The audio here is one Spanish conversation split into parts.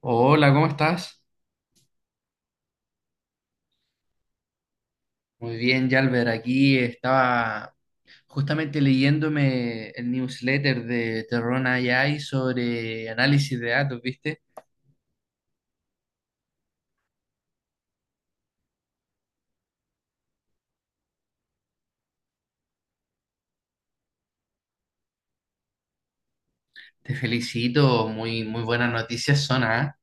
Hola, ¿cómo estás? Muy bien, Yalber. Aquí estaba justamente leyéndome el newsletter de Terron AI sobre análisis de datos, ¿viste? Te felicito, muy, muy buenas noticias son, ¿ah?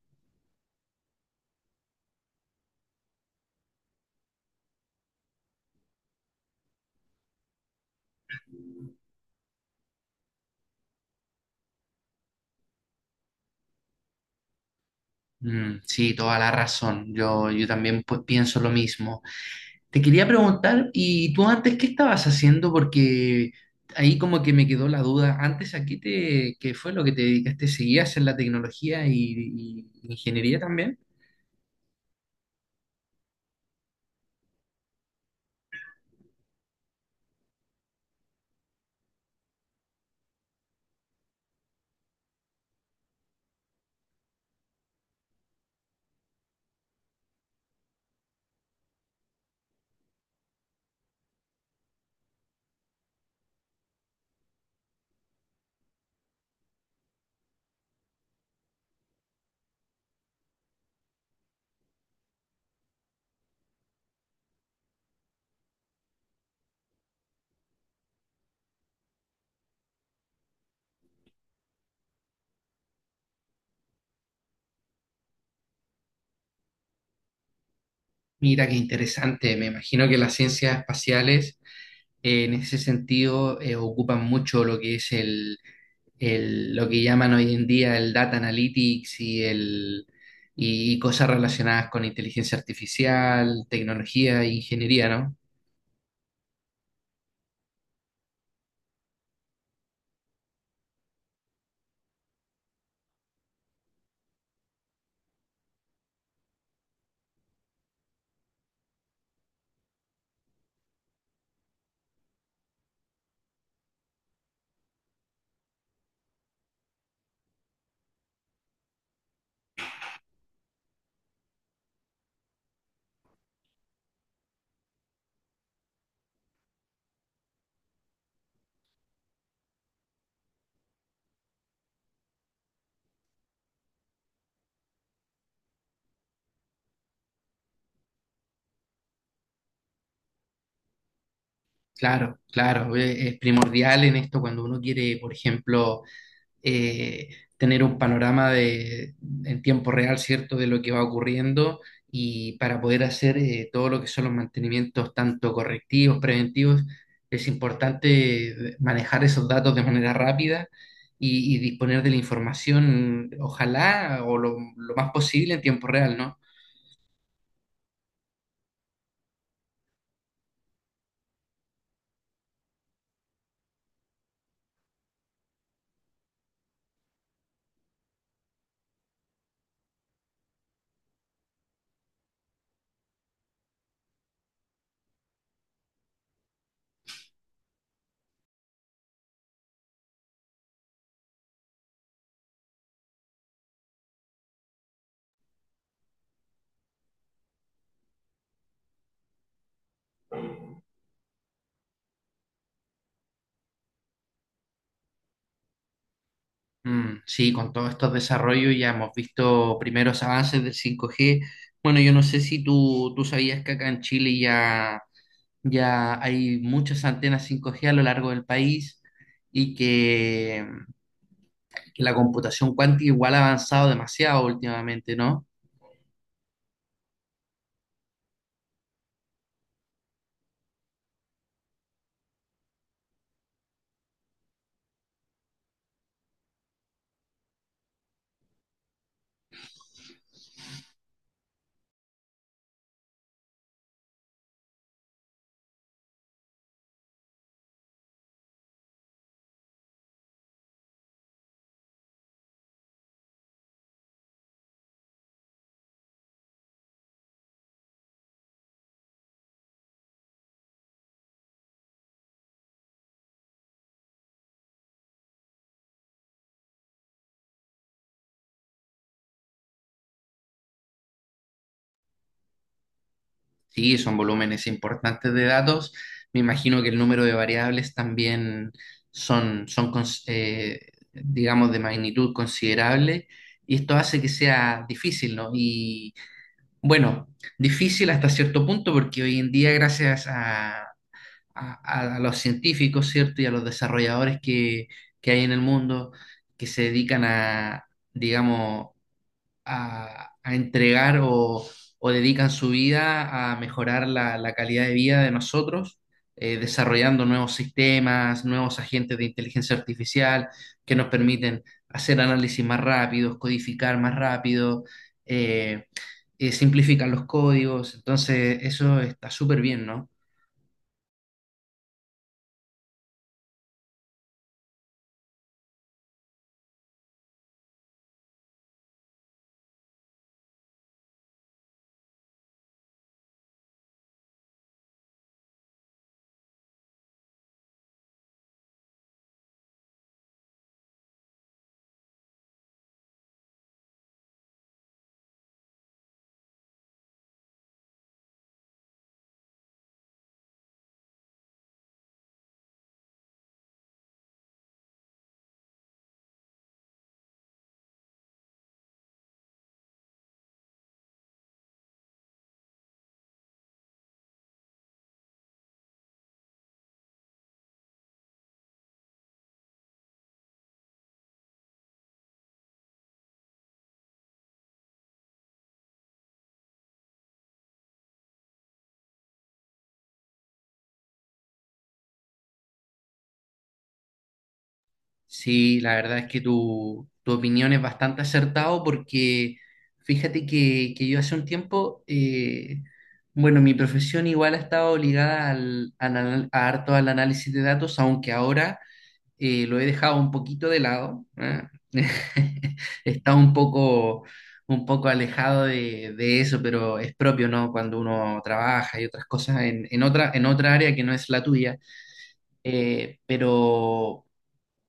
Mm, sí, toda la razón. Yo también pues, pienso lo mismo. Te quería preguntar, ¿y tú antes qué estabas haciendo? Porque ahí como que me quedó la duda. Antes aquí te, ¿qué fue lo que te dedicaste? ¿Seguías en la tecnología y ingeniería también? Mira, qué interesante. Me imagino que las ciencias espaciales en ese sentido ocupan mucho lo que es lo que llaman hoy en día el data analytics y cosas relacionadas con inteligencia artificial, tecnología e ingeniería, ¿no? Claro, claro, es primordial en esto cuando uno quiere, por ejemplo, eh, tener un panorama en tiempo real, ¿cierto?, de lo que va ocurriendo y para poder hacer todo lo que son los mantenimientos, tanto correctivos, preventivos, es importante, manejar esos datos de manera rápida y disponer de la información, ojalá, o lo más posible en tiempo real, ¿no? Mm, sí, con todos estos desarrollos ya hemos visto primeros avances del 5G. Bueno, yo no sé si tú sabías que acá en Chile ya ya hay muchas antenas 5G a lo largo del país y que la computación cuántica igual ha avanzado demasiado últimamente, ¿no? Sí, son volúmenes importantes de datos. Me imagino que el número de variables también son, digamos, de magnitud considerable y esto hace que sea difícil, ¿no? Y bueno, difícil hasta cierto punto porque hoy en día, gracias a los científicos, ¿cierto? Y a los desarrolladores que hay en el mundo que se dedican a, digamos, a entregar o dedican su vida a mejorar la calidad de vida de nosotros, desarrollando nuevos sistemas, nuevos agentes de inteligencia artificial que nos permiten hacer análisis más rápidos, codificar más rápido, eh, simplifican los códigos. Entonces, eso está súper bien, ¿no? Sí, la verdad es que tu opinión es bastante acertado porque fíjate que yo hace un tiempo, bueno, mi profesión igual ha estado ligada a harto al análisis de datos, aunque ahora lo he dejado un poquito de lado. ¿Eh? He estado un poco alejado de eso, pero es propio, ¿no? Cuando uno trabaja y otras cosas en, en otra área que no es la tuya. Pero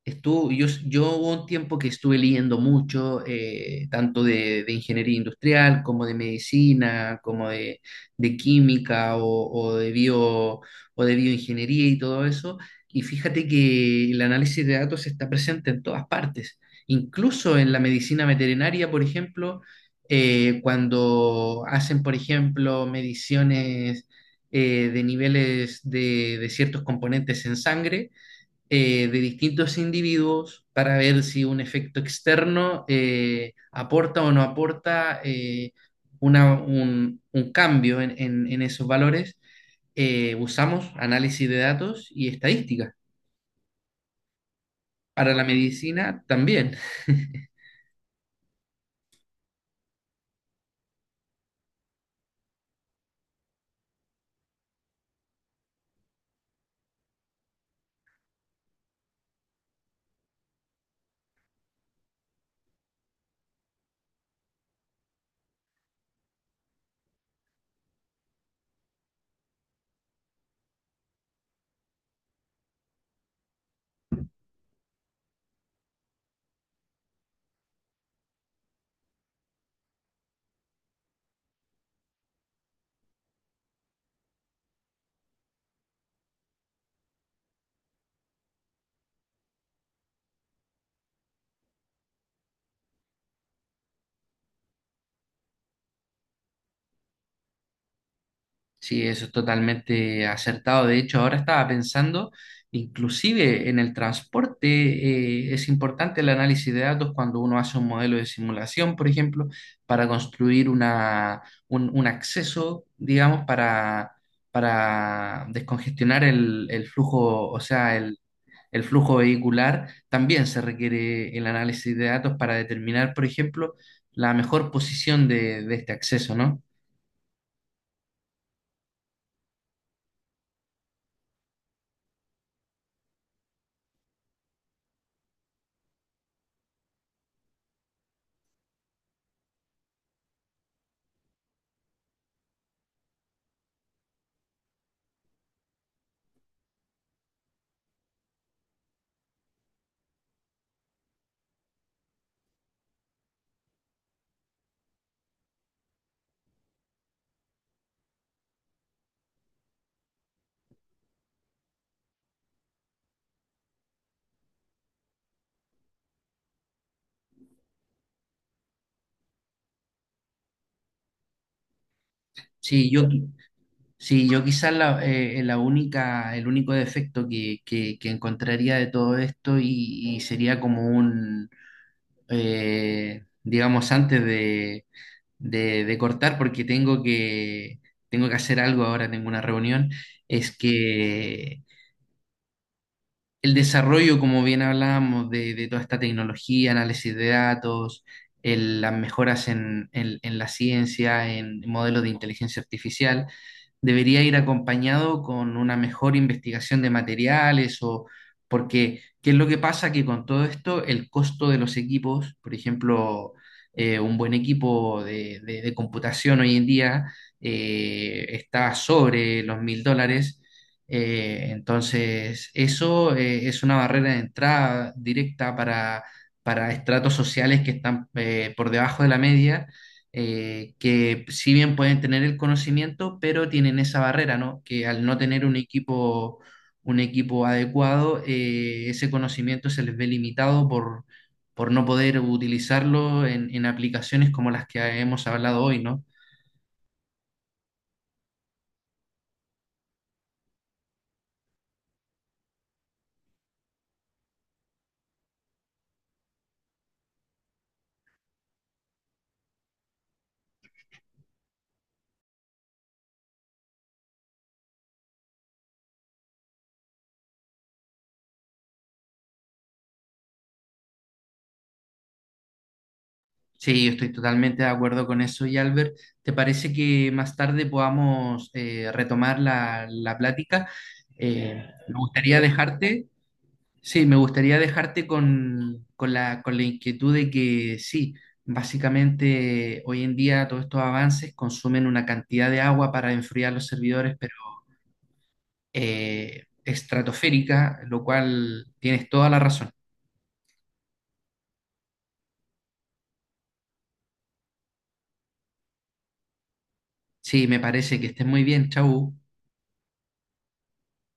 estuvo, yo hubo un tiempo que estuve leyendo mucho, tanto de ingeniería industrial como de medicina, como de química o de bio, o de bioingeniería y todo eso. Y fíjate que el análisis de datos está presente en todas partes, incluso en la medicina veterinaria, por ejemplo, cuando hacen, por ejemplo, mediciones de niveles de ciertos componentes en sangre, de distintos individuos para ver si un efecto externo aporta o no aporta, un cambio en esos valores. Usamos análisis de datos y estadística. Para la medicina también. Sí, eso es totalmente acertado. De hecho, ahora estaba pensando, inclusive en el transporte, es importante el análisis de datos cuando uno hace un modelo de simulación, por ejemplo, para construir un acceso, digamos, para descongestionar el flujo, o sea, el flujo vehicular. También se requiere el análisis de datos para determinar, por ejemplo, la mejor posición de este acceso, ¿no? Sí, yo, Sí, yo quizás la única, el único defecto que encontraría de todo esto y sería como un, digamos, antes de cortar, porque tengo tengo que hacer algo ahora, tengo una reunión, es que el desarrollo, como bien hablábamos, de toda esta tecnología, análisis de datos, las mejoras en, en la ciencia, en modelos de inteligencia artificial, debería ir acompañado con una mejor investigación de materiales o porque, ¿qué es lo que pasa? Que con todo esto, el costo de los equipos, por ejemplo, un buen equipo de, de computación hoy en día está sobre los $1000. Entonces, eso es una barrera de entrada directa para estratos sociales que están por debajo de la media, que si bien pueden tener el conocimiento, pero tienen esa barrera, ¿no? Que al no tener un equipo adecuado, ese conocimiento se les ve limitado por no poder utilizarlo en aplicaciones como las que hemos hablado hoy, ¿no? Sí, yo estoy totalmente de acuerdo con eso. Y Albert, ¿te parece que más tarde podamos retomar la plática? Me gustaría dejarte, sí, me gustaría dejarte con la inquietud de que sí, básicamente hoy en día todos estos avances consumen una cantidad de agua para enfriar los servidores, pero estratosférica, lo cual tienes toda la razón. Sí, me parece que estés muy bien, chau.